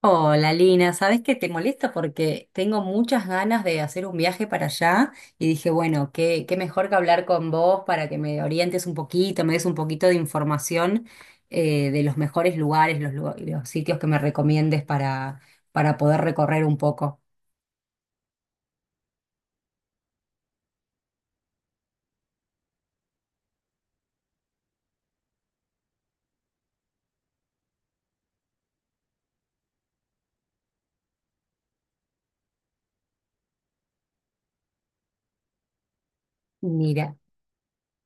Hola Lina, ¿sabes que te molesta? Porque tengo muchas ganas de hacer un viaje para allá y dije, bueno, qué mejor que hablar con vos para que me orientes un poquito, me des un poquito de información, de los mejores lugares, los sitios que me recomiendes para poder recorrer un poco. Mira.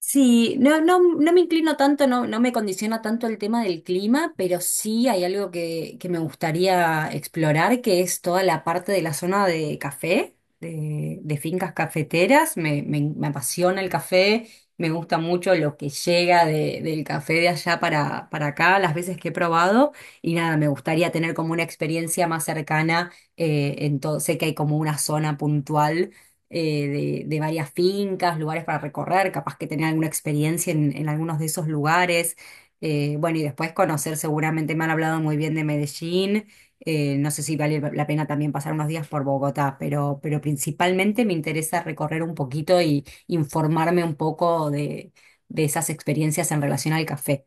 Sí, no, no, no me inclino tanto, no, no me condiciona tanto el tema del clima, pero sí hay algo que me gustaría explorar, que es toda la parte de la zona de café, de fincas cafeteras. Me apasiona el café, me gusta mucho lo que llega del café de allá para acá, las veces que he probado, y nada, me gustaría tener como una experiencia más cercana, en todo, sé que hay como una zona puntual, eh, de varias fincas, lugares para recorrer, capaz que tener alguna experiencia en algunos de esos lugares. Bueno, y después conocer, seguramente me han hablado muy bien de Medellín. No sé si vale la pena también pasar unos días por Bogotá, pero principalmente me interesa recorrer un poquito y informarme un poco de esas experiencias en relación al café.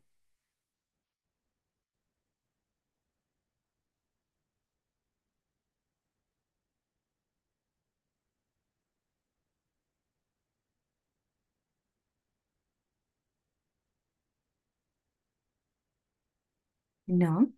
¿No?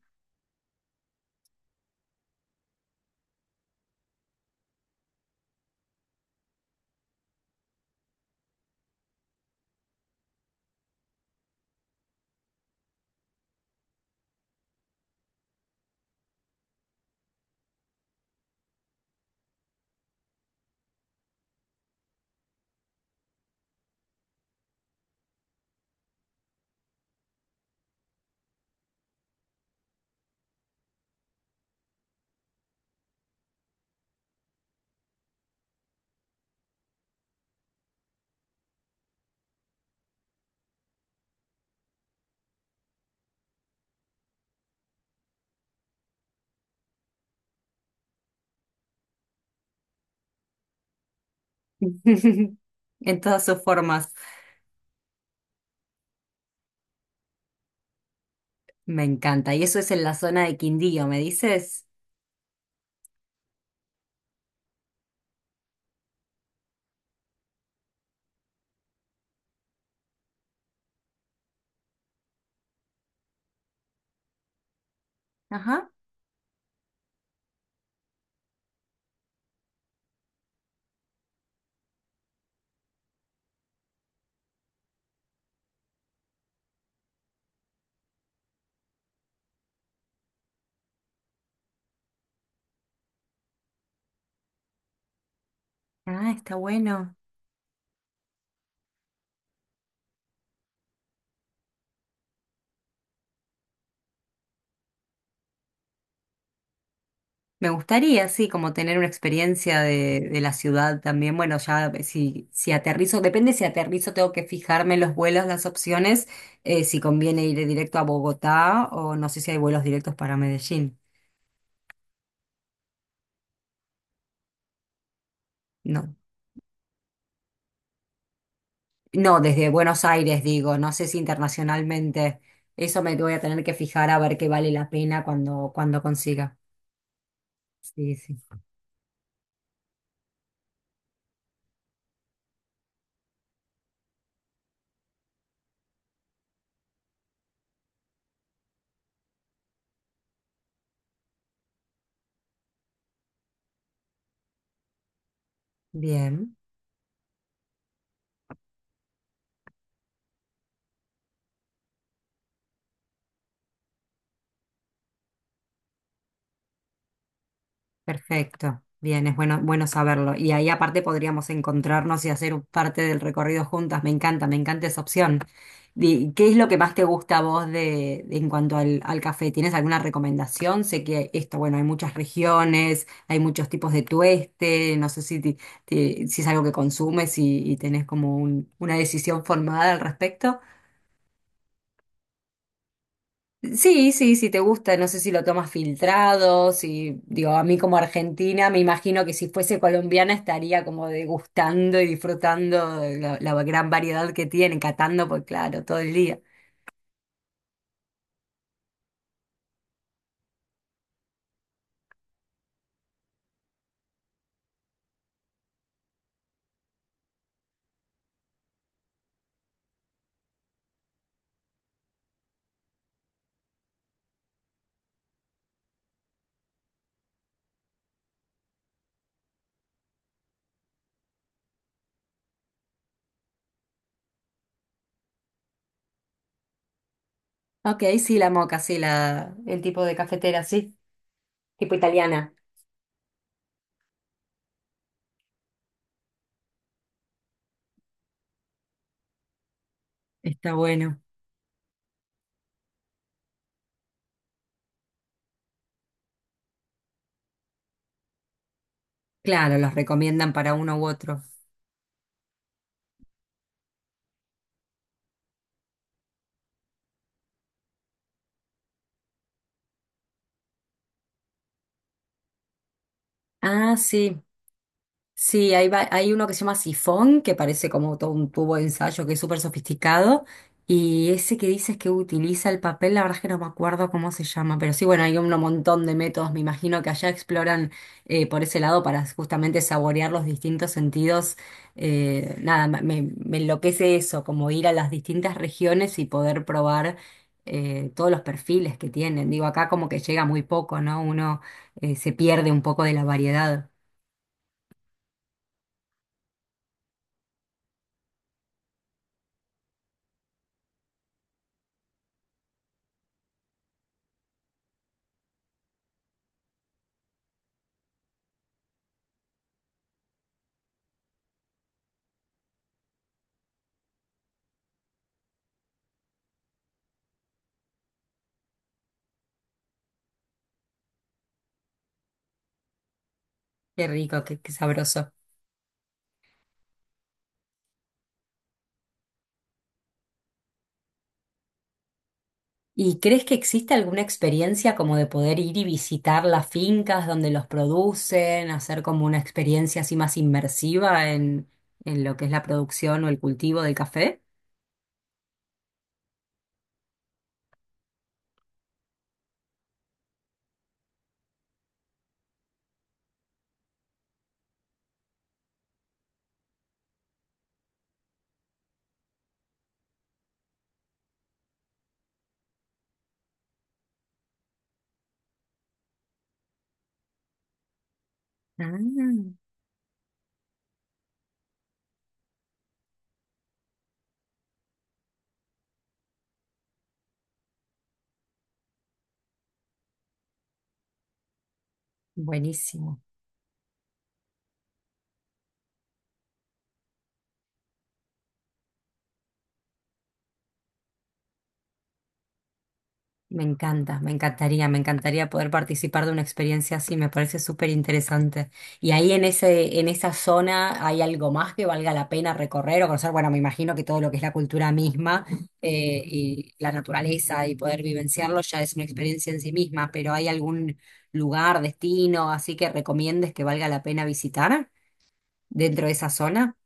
En todas sus formas. Me encanta. Y eso es en la zona de Quindío, ¿me dices? Ajá. Ah, está bueno. Me gustaría, sí, como tener una experiencia de la ciudad también. Bueno, ya, si, si aterrizo, depende si aterrizo, tengo que fijarme en los vuelos, las opciones, si conviene ir directo a Bogotá o no sé si hay vuelos directos para Medellín. No, no, desde Buenos Aires digo, no sé si internacionalmente. Eso me voy a tener que fijar a ver qué vale la pena cuando, cuando consiga. Sí, sí. Bien. Perfecto, bien, es bueno, bueno saberlo. Y ahí aparte podríamos encontrarnos y hacer parte del recorrido juntas. Me encanta esa opción. ¿Qué es lo que más te gusta a vos de, en cuanto al, al café? ¿Tienes alguna recomendación? Sé que esto, bueno, hay muchas regiones, hay muchos tipos de tueste, no sé si, si es algo que consumes y tenés como una decisión formada al respecto. Sí, sí, si te gusta, no sé si lo tomas filtrado, si, digo, a mí como argentina, me imagino que si fuese colombiana estaría como degustando y disfrutando de la, la gran variedad que tiene, catando, pues claro, todo el día. Ok, sí, la moca, sí, la, el tipo de cafetera, sí, tipo italiana. Está bueno. Claro, los recomiendan para uno u otro. Ah, sí. Sí, hay, hay uno que se llama sifón, que parece como todo un tubo de ensayo que es súper sofisticado. Y ese que dices que utiliza el papel, la verdad es que no me acuerdo cómo se llama, pero sí, bueno, hay un montón de métodos, me imagino que allá exploran, por ese lado para justamente saborear los distintos sentidos. Nada, me, me enloquece eso, como ir a las distintas regiones y poder probar, todos los perfiles que tienen. Digo, acá como que llega muy poco, ¿no? Uno, se pierde un poco de la variedad. Qué rico, qué sabroso. ¿Y crees que existe alguna experiencia como de poder ir y visitar las fincas donde los producen, hacer como una experiencia así más inmersiva en lo que es la producción o el cultivo del café? Ah, buenísimo. Me encanta, me encantaría poder participar de una experiencia así, me parece súper interesante. Y ahí en ese, en esa zona hay algo más que valga la pena recorrer o conocer. Bueno, me imagino que todo lo que es la cultura misma, y la naturaleza y poder vivenciarlo ya es una experiencia en sí misma, pero ¿hay algún lugar, destino así que recomiendes que valga la pena visitar dentro de esa zona?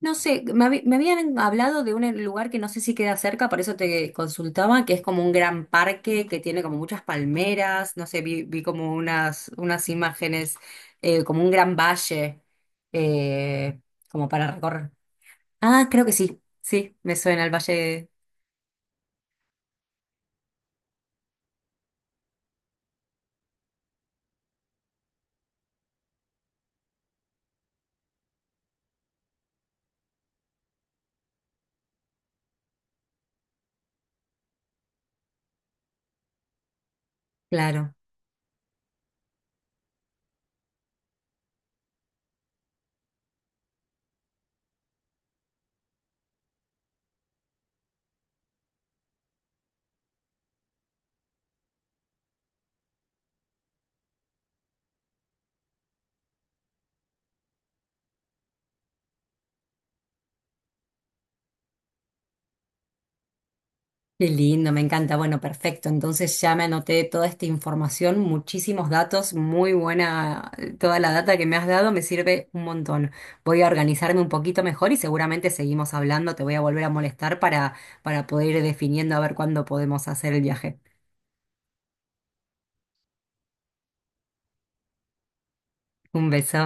No sé, me, me habían hablado de un, lugar que no sé si queda cerca, por eso te consultaba, que es como un gran parque que tiene como muchas palmeras, no sé, vi como unas, unas imágenes, como un gran valle, eh, como para recorrer. Ah, creo que sí, sí, me suena el valle, claro. Qué lindo, me encanta. Bueno, perfecto. Entonces ya me anoté toda esta información, muchísimos datos, muy buena. Toda la data que me has dado me sirve un montón. Voy a organizarme un poquito mejor y seguramente seguimos hablando. Te voy a volver a molestar para poder ir definiendo a ver cuándo podemos hacer el viaje. Un beso.